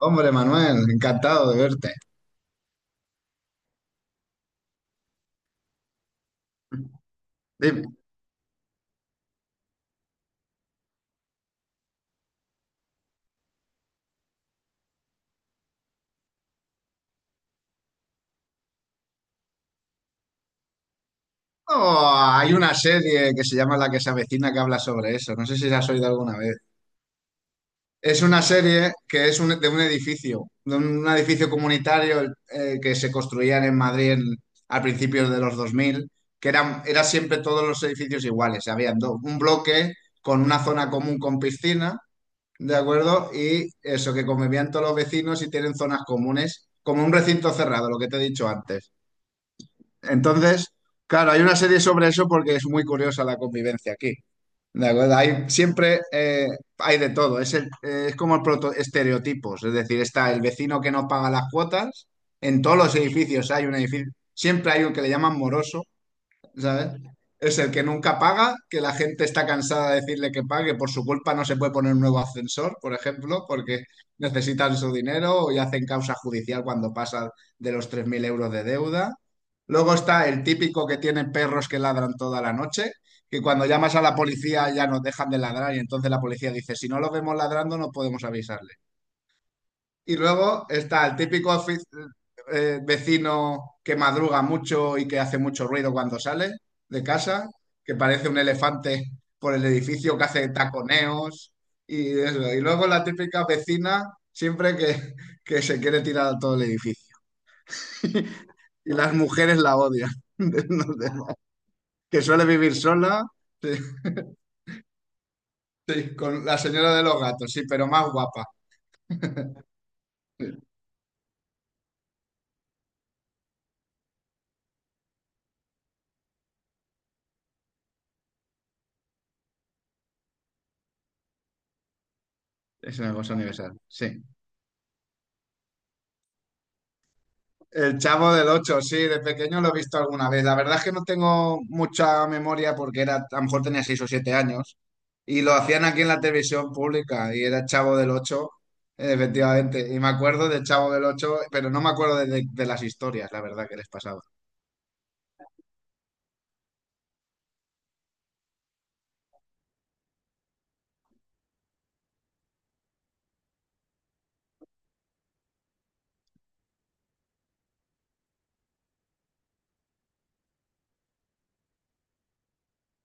Hombre, Manuel, encantado de verte. Dime. Oh, hay una serie que se llama La que se avecina que habla sobre eso. No sé si la has oído alguna vez. Es una serie que de un edificio, edificio comunitario que se construían en Madrid al principio de los 2000, que era siempre todos los edificios iguales. Habían un bloque con una zona común con piscina, ¿de acuerdo? Y eso, que convivían todos los vecinos y tienen zonas comunes, como un recinto cerrado, lo que te he dicho antes. Entonces, claro, hay una serie sobre eso porque es muy curiosa la convivencia aquí. ¿De acuerdo? Hay siempre hay de todo. Es como el proto estereotipos. Es decir, está el vecino que no paga las cuotas. En todos los edificios hay un edificio. Siempre hay un que le llaman moroso, ¿sabes? Es el que nunca paga, que la gente está cansada de decirle que pague, por su culpa no se puede poner un nuevo ascensor, por ejemplo, porque necesitan su dinero y hacen causa judicial cuando pasan de los 3.000 euros de deuda. Luego está el típico que tiene perros que ladran toda la noche, que cuando llamas a la policía ya nos dejan de ladrar y entonces la policía dice, si no los vemos ladrando no podemos avisarles. Y luego está el típico vecino que madruga mucho y que hace mucho ruido cuando sale de casa, que parece un elefante por el edificio que hace taconeos y eso. Y luego la típica vecina siempre que se quiere tirar a todo el edificio. Y las mujeres la odian. Entonces, que suele vivir sola, sí, sí, con la señora de los gatos, sí, pero más guapa. Es una cosa universal, sí. El Chavo del Ocho, sí, de pequeño lo he visto alguna vez. La verdad es que no tengo mucha memoria porque era, a lo mejor tenía 6 o 7 años y lo hacían aquí en la televisión pública y era Chavo del Ocho, efectivamente. Y me acuerdo del Chavo del Ocho, pero no me acuerdo de las historias, la verdad, que les pasaba.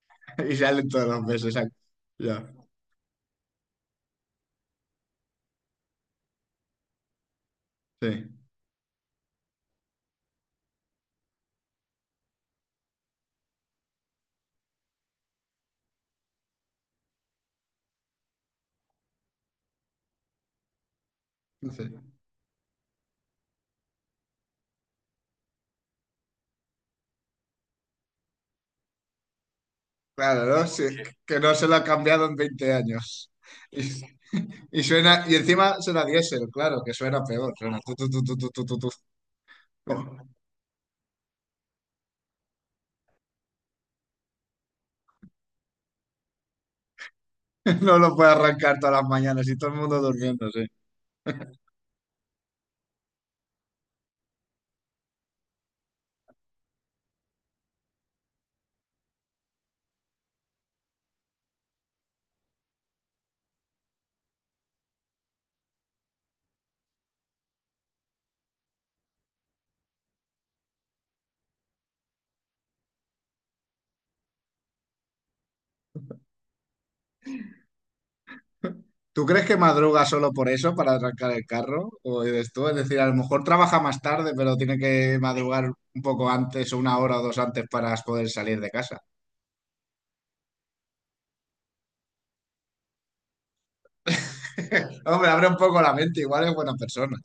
Y salen todos los meses. Ya, sí, sí. Claro, ¿no? Sí, que no se lo ha cambiado en 20 años. Y, y suena, y encima suena diésel, claro, que suena peor. Suena tu, tu, tu, tu, tu, tu, tu, tu. No lo puede arrancar todas las mañanas y todo el mundo durmiéndose. ¿Tú crees que madruga solo por eso, para arrancar el carro? ¿O eres tú? Es decir, a lo mejor trabaja más tarde, pero tiene que madrugar un poco antes o una hora o dos antes para poder salir de casa. Hombre, abre un poco la mente, igual es buena persona.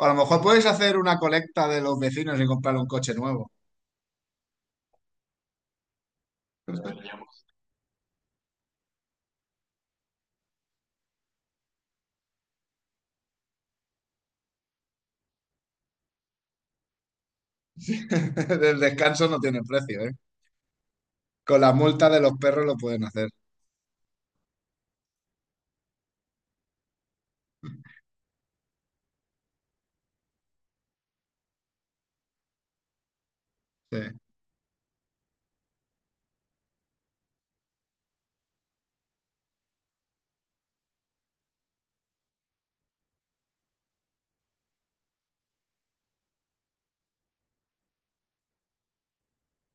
O a lo mejor puedes hacer una colecta de los vecinos y comprar un coche nuevo. El descanso no tiene precio, ¿eh? Con la multa de los perros lo pueden hacer. Sí.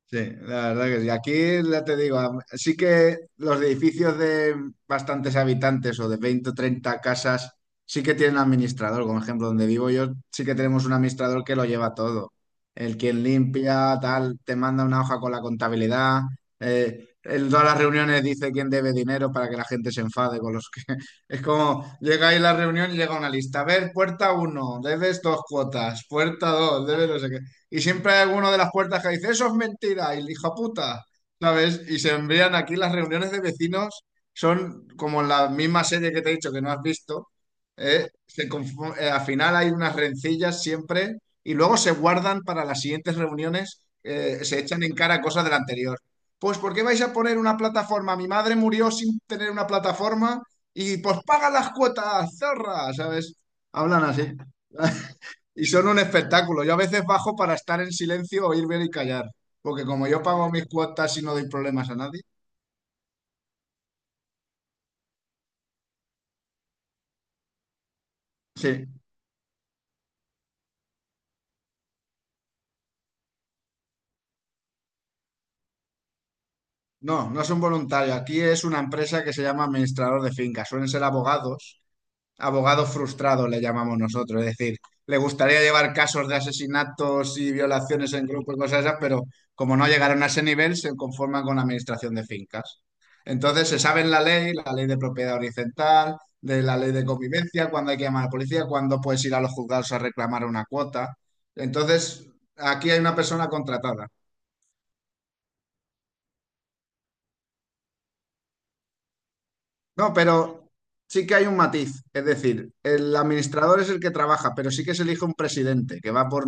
Sí, la verdad que sí. Aquí ya te digo, sí que los edificios de bastantes habitantes o de 20 o 30 casas sí que tienen administrador. Como ejemplo, donde vivo yo, sí que tenemos un administrador que lo lleva todo. El quien limpia, tal, te manda una hoja con la contabilidad. En todas las reuniones dice quién debe dinero para que la gente se enfade con los que... Es como, llega ahí la reunión y llega una lista. A ver, puerta uno debes dos cuotas. Puerta 2 debes no sé qué y siempre hay alguno de las puertas que dice, eso es mentira, y el hijo puta, ¿sabes? Y se envían aquí las reuniones de vecinos, son como en la misma serie que te he dicho que no has visto, ¿eh? Al final hay unas rencillas siempre y luego se guardan para las siguientes reuniones, se echan en cara cosas del anterior. Pues, ¿por qué vais a poner una plataforma? Mi madre murió sin tener una plataforma y pues paga las cuotas, zorra, ¿sabes? Hablan así. Y son un espectáculo. Yo a veces bajo para estar en silencio, oír, ver y callar. Porque como yo pago mis cuotas y no doy problemas a nadie. Sí. No, no son voluntarios. Aquí es una empresa que se llama administrador de fincas. Suelen ser abogados. Abogado frustrado le llamamos nosotros, es decir, le gustaría llevar casos de asesinatos y violaciones en grupos y cosas esas, pero como no llegaron a ese nivel, se conforman con la administración de fincas. Entonces se sabe la ley de propiedad horizontal, de la ley de convivencia, cuándo hay que llamar a la policía, cuándo puedes ir a los juzgados a reclamar una cuota. Entonces, aquí hay una persona contratada. No, pero sí que hay un matiz. Es decir, el administrador es el que trabaja, pero sí que se elige un presidente que va por,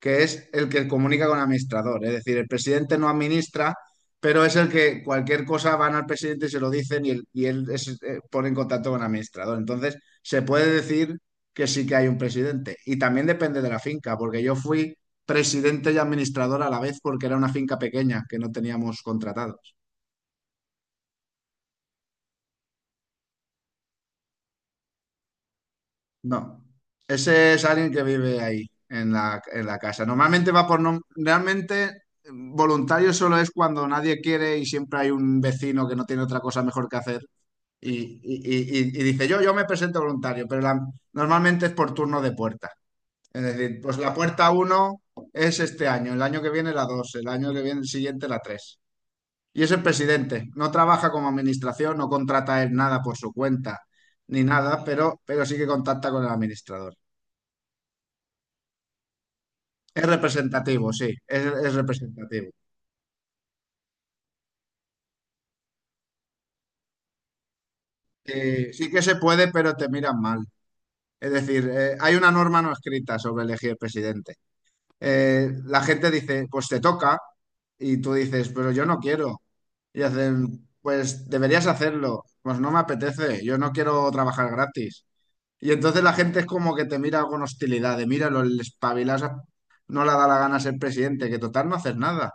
que es el que comunica con el administrador. Es decir, el presidente no administra, pero es el que cualquier cosa van al presidente y se lo dicen y, pone en contacto con el administrador. Entonces, se puede decir que sí que hay un presidente. Y también depende de la finca, porque yo fui presidente y administrador a la vez porque era una finca pequeña que no teníamos contratado. No, ese es alguien que vive ahí, en la casa. Normalmente va por... Realmente voluntario solo es cuando nadie quiere y siempre hay un vecino que no tiene otra cosa mejor que hacer y, y dice, yo me presento voluntario, pero normalmente es por turno de puerta. Es decir, pues la puerta uno es este año, el año que viene la 2, el año que viene el siguiente la 3. Y es el presidente, no trabaja como administración, no contrata él nada por su cuenta ni nada, pero, sí que contacta con el administrador. Es representativo, sí, es representativo. Sí que se puede, pero te miran mal. Es decir, hay una norma no escrita sobre elegir presidente. La gente dice, pues te toca, y tú dices, pero yo no quiero. Y hacen, pues deberías hacerlo, pues no me apetece, yo no quiero trabajar gratis. Y entonces la gente es como que te mira con hostilidad, de míralo, el espabilasa no le da la gana ser presidente, que total no haces nada.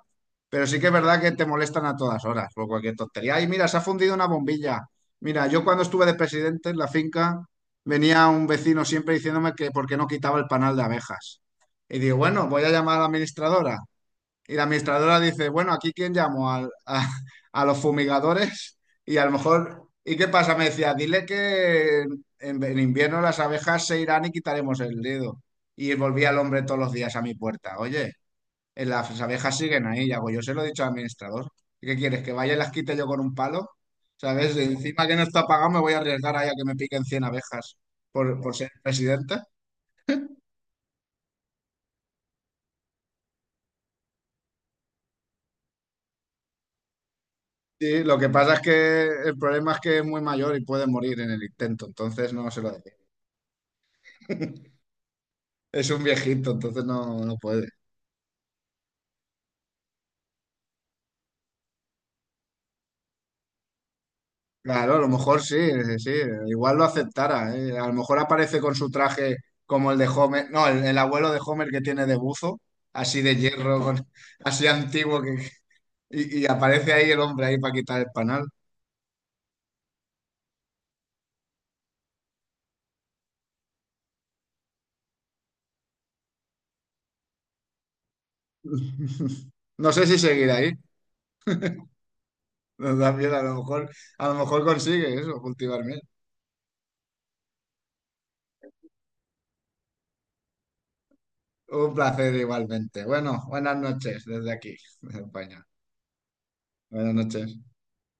Pero sí que es verdad que te molestan a todas horas por cualquier tontería. Ay, mira, se ha fundido una bombilla. Mira, yo cuando estuve de presidente en la finca, venía un vecino siempre diciéndome que por qué no quitaba el panal de abejas. Y digo, bueno, voy a llamar a la administradora. Y la administradora dice, bueno, ¿aquí quién llamo? A los fumigadores. Y a lo mejor, ¿y qué pasa? Me decía, dile que en invierno las abejas se irán y quitaremos el dedo. Y volvía el hombre todos los días a mi puerta. Oye, las abejas siguen ahí. Y hago, yo se lo he dicho al administrador. ¿Qué quieres? ¿Que vaya y las quite yo con un palo? ¿Sabes? Encima que no está pagado me voy a arriesgar ahí a que me piquen 100 abejas por ser presidente. Sí, lo que pasa es que el problema es que es muy mayor y puede morir en el intento, entonces no se lo dé. Es un viejito, entonces no, no puede. Claro, a lo mejor sí, sí, sí, igual lo aceptara, ¿eh? A lo mejor aparece con su traje como el de Homer, no, el abuelo de Homer que tiene de buzo, así de hierro, así antiguo, que, y aparece ahí el hombre ahí para quitar el panal. No sé si seguirá ahí, también a lo mejor consigue eso, cultivarme. Un placer igualmente. Bueno, buenas noches desde aquí, desde España. Buenas noches.